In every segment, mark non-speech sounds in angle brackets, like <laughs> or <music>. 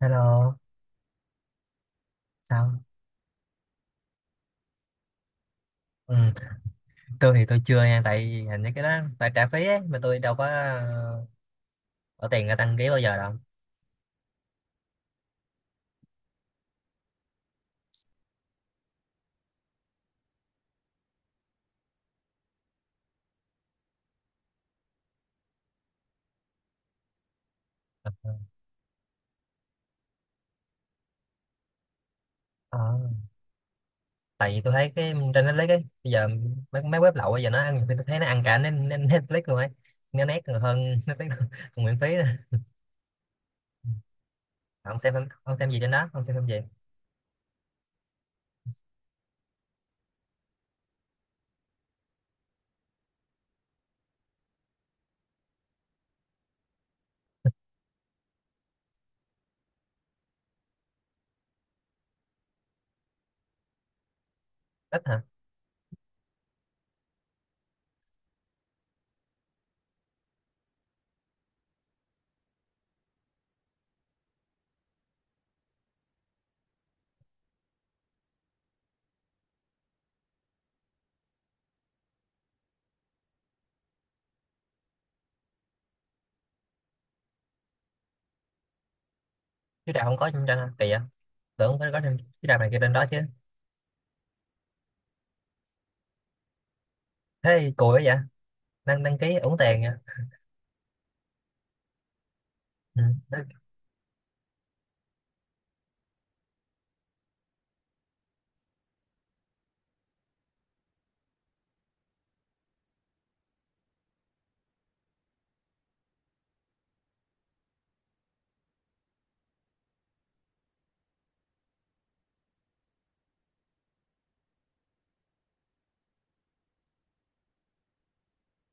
Hello, sao? Ừ. Tôi thì tôi chưa nha, tại vì hình như cái đó phải trả phí ấy, mà tôi đâu có bỏ tiền ra đăng ký bao giờ đâu. Ờ, tại vì tôi thấy cái trên Netflix ấy, bây giờ mấy web lậu bây giờ nó ăn, nhiều khi tôi thấy nó ăn cả Netflix luôn ấy, nó nét còn hơn Netflix <laughs> còn miễn phí nữa. Ông xem ông xem gì trên đó? Ông xem phim gì? Ít hả? Chứ trà không có trên trên hả? Kỳ vậy? Tưởng phải có trên chứ trà này kia trên đó chứ. Thế thì cùi quá vậy? Đăng đăng ký uổng tiền vậy? Ừ. Đăng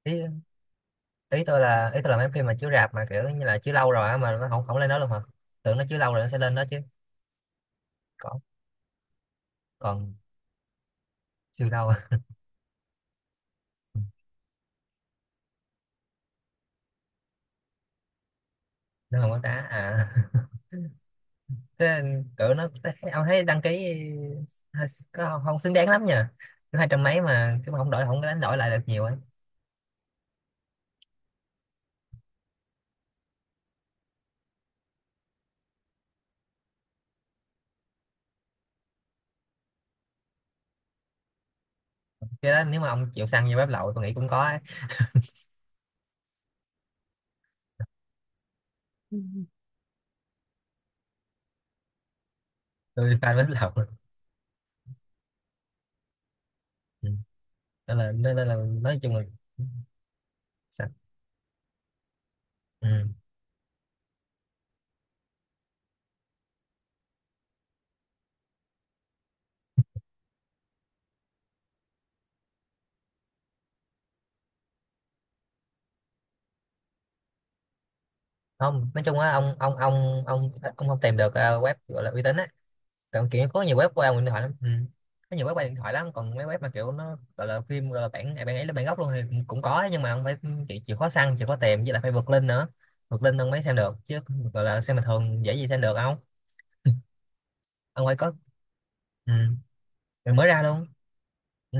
ký, ý tôi là mấy phim mà chiếu rạp mà kiểu như là chiếu lâu rồi á mà nó không không lên đó luôn hả, tưởng nó chiếu lâu rồi nó sẽ lên đó chứ. Còn còn siêu đâu <laughs> à? Nó không có đá à. <laughs> Thế cỡ ông thấy đăng ký có không, không xứng đáng lắm nha, cứ hai trăm mấy mà cứ không đổi, không có đánh đổi lại được nhiều ấy. Cái đó nếu mà ông chịu săn vô bếp lậu tôi nghĩ cũng có ấy. Tôi fan bếp lậu. Ừ, nên là nói chung là sao? Ừ, không, nói chung á, ông không tìm được web gọi là uy tín á, còn kiểu có nhiều web qua điện thoại lắm. Ừ, có nhiều web qua điện thoại lắm, còn mấy web mà kiểu nó gọi là phim gọi là bản bản ấy là bản gốc luôn thì cũng cũng có, nhưng mà không phải, chịu khó săn chịu khó tìm, với lại phải vượt link nữa, vượt link ông mới xem được chứ, gọi là xem bình thường dễ gì xem được, không. Ông phải có. Ừ. Rồi mới ra luôn. Ừ,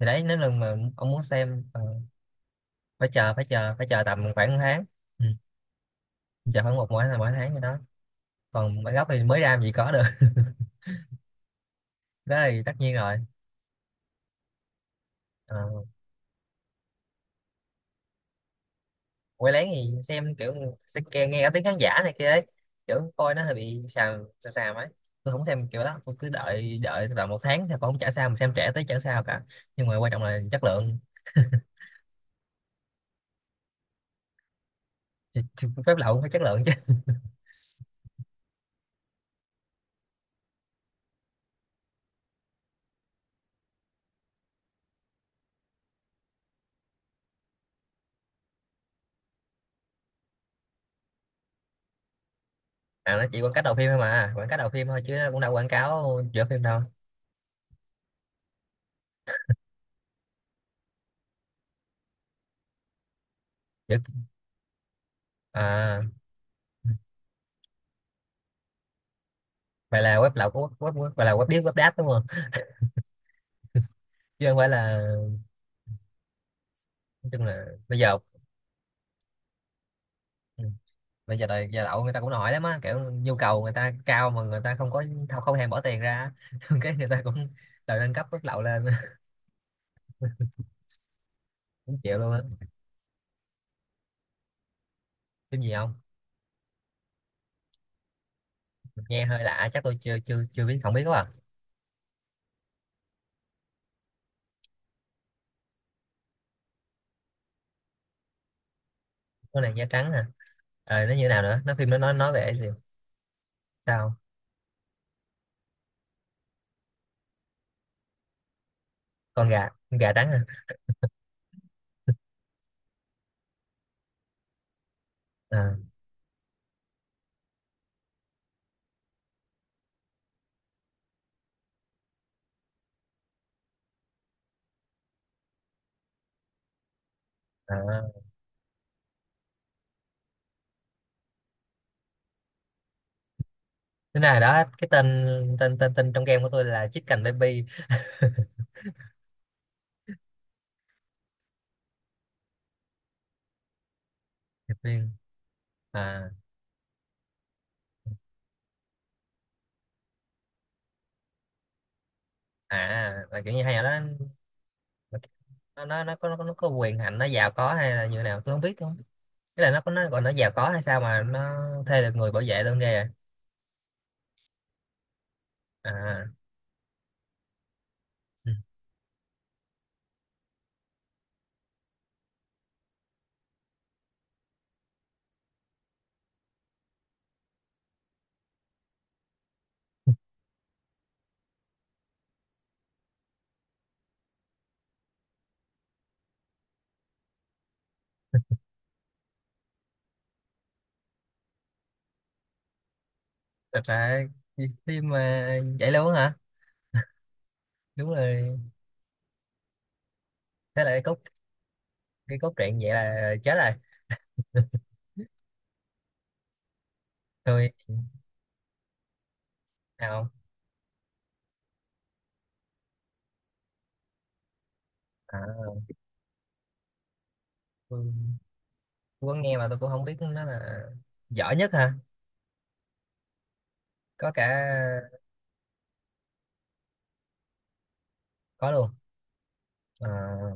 thì đấy nếu lần mà ông muốn xem, phải chờ tầm khoảng một tháng. Ừ, chờ khoảng một mỗi mỗi tháng gì đó, còn bản gốc thì mới ra làm gì có được. <laughs> Đó thì tất nhiên rồi. Ờ, quay lén thì xem kiểu nghe cả tiếng khán giả này kia ấy, kiểu coi nó hơi bị xàm xàm xàm ấy. Tôi không xem kiểu đó, tôi cứ đợi, vào một tháng thì còn không trả sao mà xem trẻ tới chả sao cả, nhưng mà quan trọng là chất lượng. Thì phép lậu cũng phải chất lượng chứ. <laughs> À, nó chỉ quảng cáo đầu phim thôi, mà quảng cáo đầu phim thôi chứ nó cũng đâu quảng cáo giữa phim đâu. Giữa, à, vậy là web lậu của web, là web điếc web đáp đúng không? Chứ không phải là, nói chung là bây giờ. Ừ, bây giờ đời giờ đậu người ta cũng hỏi lắm á, kiểu nhu cầu người ta cao mà người ta không có, không, không hề bỏ tiền ra. <laughs> Cái người ta cũng đòi nâng cấp mức lậu lên <laughs> cũng chịu luôn á. Phim gì không? Nghe hơi lạ, chắc tôi chưa chưa chưa biết, không biết quá à. Con nàng da trắng hả? Ờ, nó như thế nào nữa, nó phim nó nói về cái gì? Sao? Con gà, con gà trắng hả? À, à. Thế nào đó cái tên tên tên tên trong game của tôi là Chicken Baby. Điệp viên. À. À, là kiểu như hay là đó, nó có, quyền hành, nó giàu có hay là như nào tôi không biết. Thế là nó có, nó gọi nó giàu có hay sao mà nó thuê được người bảo vệ luôn, ghê vậy? À, ừ, thật ra phim mà vậy luôn hả? Đúng rồi. Thế là cái cốt, cái cốt truyện vậy là chết rồi. Tôi nào, à, tôi, tôi có nghe mà tôi cũng không biết nó là giỏi nhất hả? Có cả có luôn. À,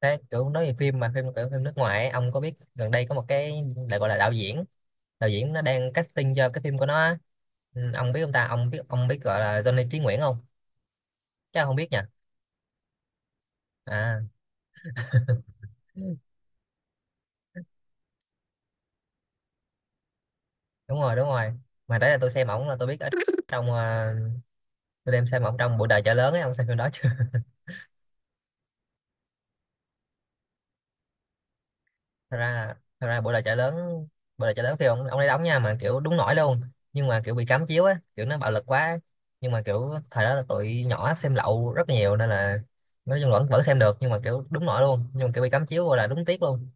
thế kiểu nói về phim, mà phim kiểu phim nước ngoài ấy, ông có biết gần đây có một cái lại gọi là đạo diễn nó đang casting cho cái phim của nó á. Ừ, ông biết, ông biết gọi là Johnny Trí Nguyễn không? Chắc ông không biết nhỉ? À đúng rồi, đúng rồi, mà đấy là tôi xem ổng là tôi biết ở trong, tôi đem xem ổng trong bộ đời chợ lớn ấy, ông xem phim đó chưa? <laughs> thật ra Thật ra bộ đời chợ lớn, khi ông ấy đóng nha, mà kiểu đúng nổi luôn, nhưng mà kiểu bị cấm chiếu á, kiểu nó bạo lực quá ấy. Nhưng mà kiểu thời đó là tụi nhỏ xem lậu rất là nhiều, nên là nói chung vẫn vẫn xem được, nhưng mà kiểu đúng nổi luôn, nhưng mà kiểu bị cấm chiếu vô là đúng tiếc luôn.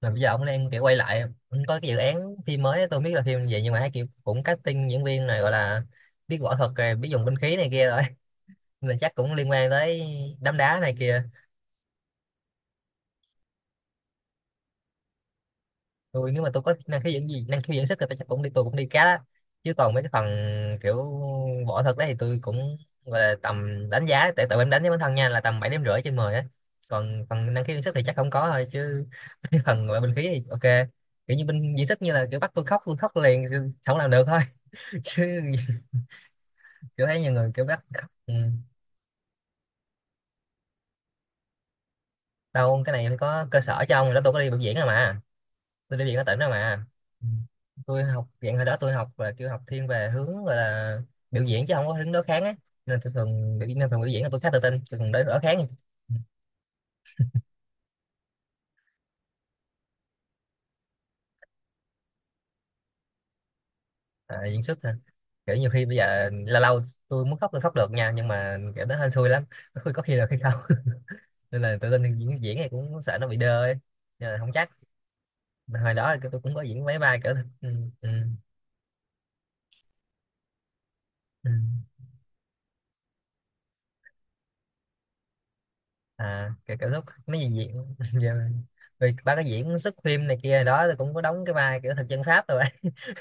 Mà bây giờ ông đang kiểu quay lại, ông có cái dự án phim mới á, tôi không biết là phim gì, nhưng mà thấy kiểu cũng casting diễn viên này, gọi là biết võ thuật rồi biết dùng binh khí này kia rồi, nên là chắc cũng liên quan tới đám đá này kìa. Tôi nếu mà tôi có năng khiếu dưỡng gì, năng khiếu dưỡng sức thì tôi chắc cũng đi, tôi cũng đi cá đó. Chứ còn mấy cái phần kiểu võ thuật đấy thì tôi cũng gọi là tầm đánh giá tại tự em đánh với bản thân nha là tầm 7,5/10 á, còn phần năng khiếu dưỡng sức thì chắc không có thôi chứ. <laughs> Cái phần gọi là binh khí thì ok, kiểu như binh dưỡng sức, như là kiểu bắt tôi khóc liền chứ không làm được thôi. <laughs> Chứ kiểu thấy nhiều người kiểu bắt khóc. Ừ, đâu cái này có cơ sở cho ông đó, tôi có đi biểu diễn rồi mà, tôi đi viện ở tỉnh đâu mà. Ừ, tôi học viện hồi đó, tôi học và kêu học thiên về hướng, gọi là biểu diễn chứ không có hướng đối kháng á, nên tôi thường biểu, nên phần biểu diễn là tôi khá tự tin, tôi còn đối đối kháng. Ừ, à, diễn xuất hả? Kiểu nhiều khi bây giờ lâu lâu tôi muốn khóc tôi khóc được nha, nhưng mà kiểu đó hên xui lắm, có khi được hay không <laughs> nên là tự tin diễn diễn này cũng sợ nó bị đơ ấy, nên là không chắc. Mà hồi đó tôi cũng có diễn mấy vai kiểu. Ừ, ừ, ừ. À kiểu lúc mấy gì diễn <laughs> giờ mình- vì ba cái diễn xuất phim này kia đó, tôi cũng có đóng cái vai kiểu thực dân Pháp rồi.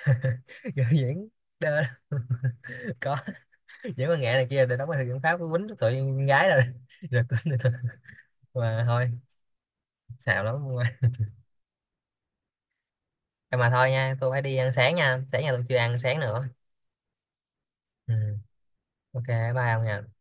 <laughs> Giờ diễn đơ <laughs> lắm. Có diễn văn nghệ này kia để đóng vai thực dân Pháp cứ quýnh tụi con gái rồi <laughs> rồi quýnh rồi. Mà thôi, xạo lắm, mà thôi nha, tôi phải đi ăn sáng nha, sáng nhà tôi chưa ăn sáng nữa. Ừ, ok, bye ông nha.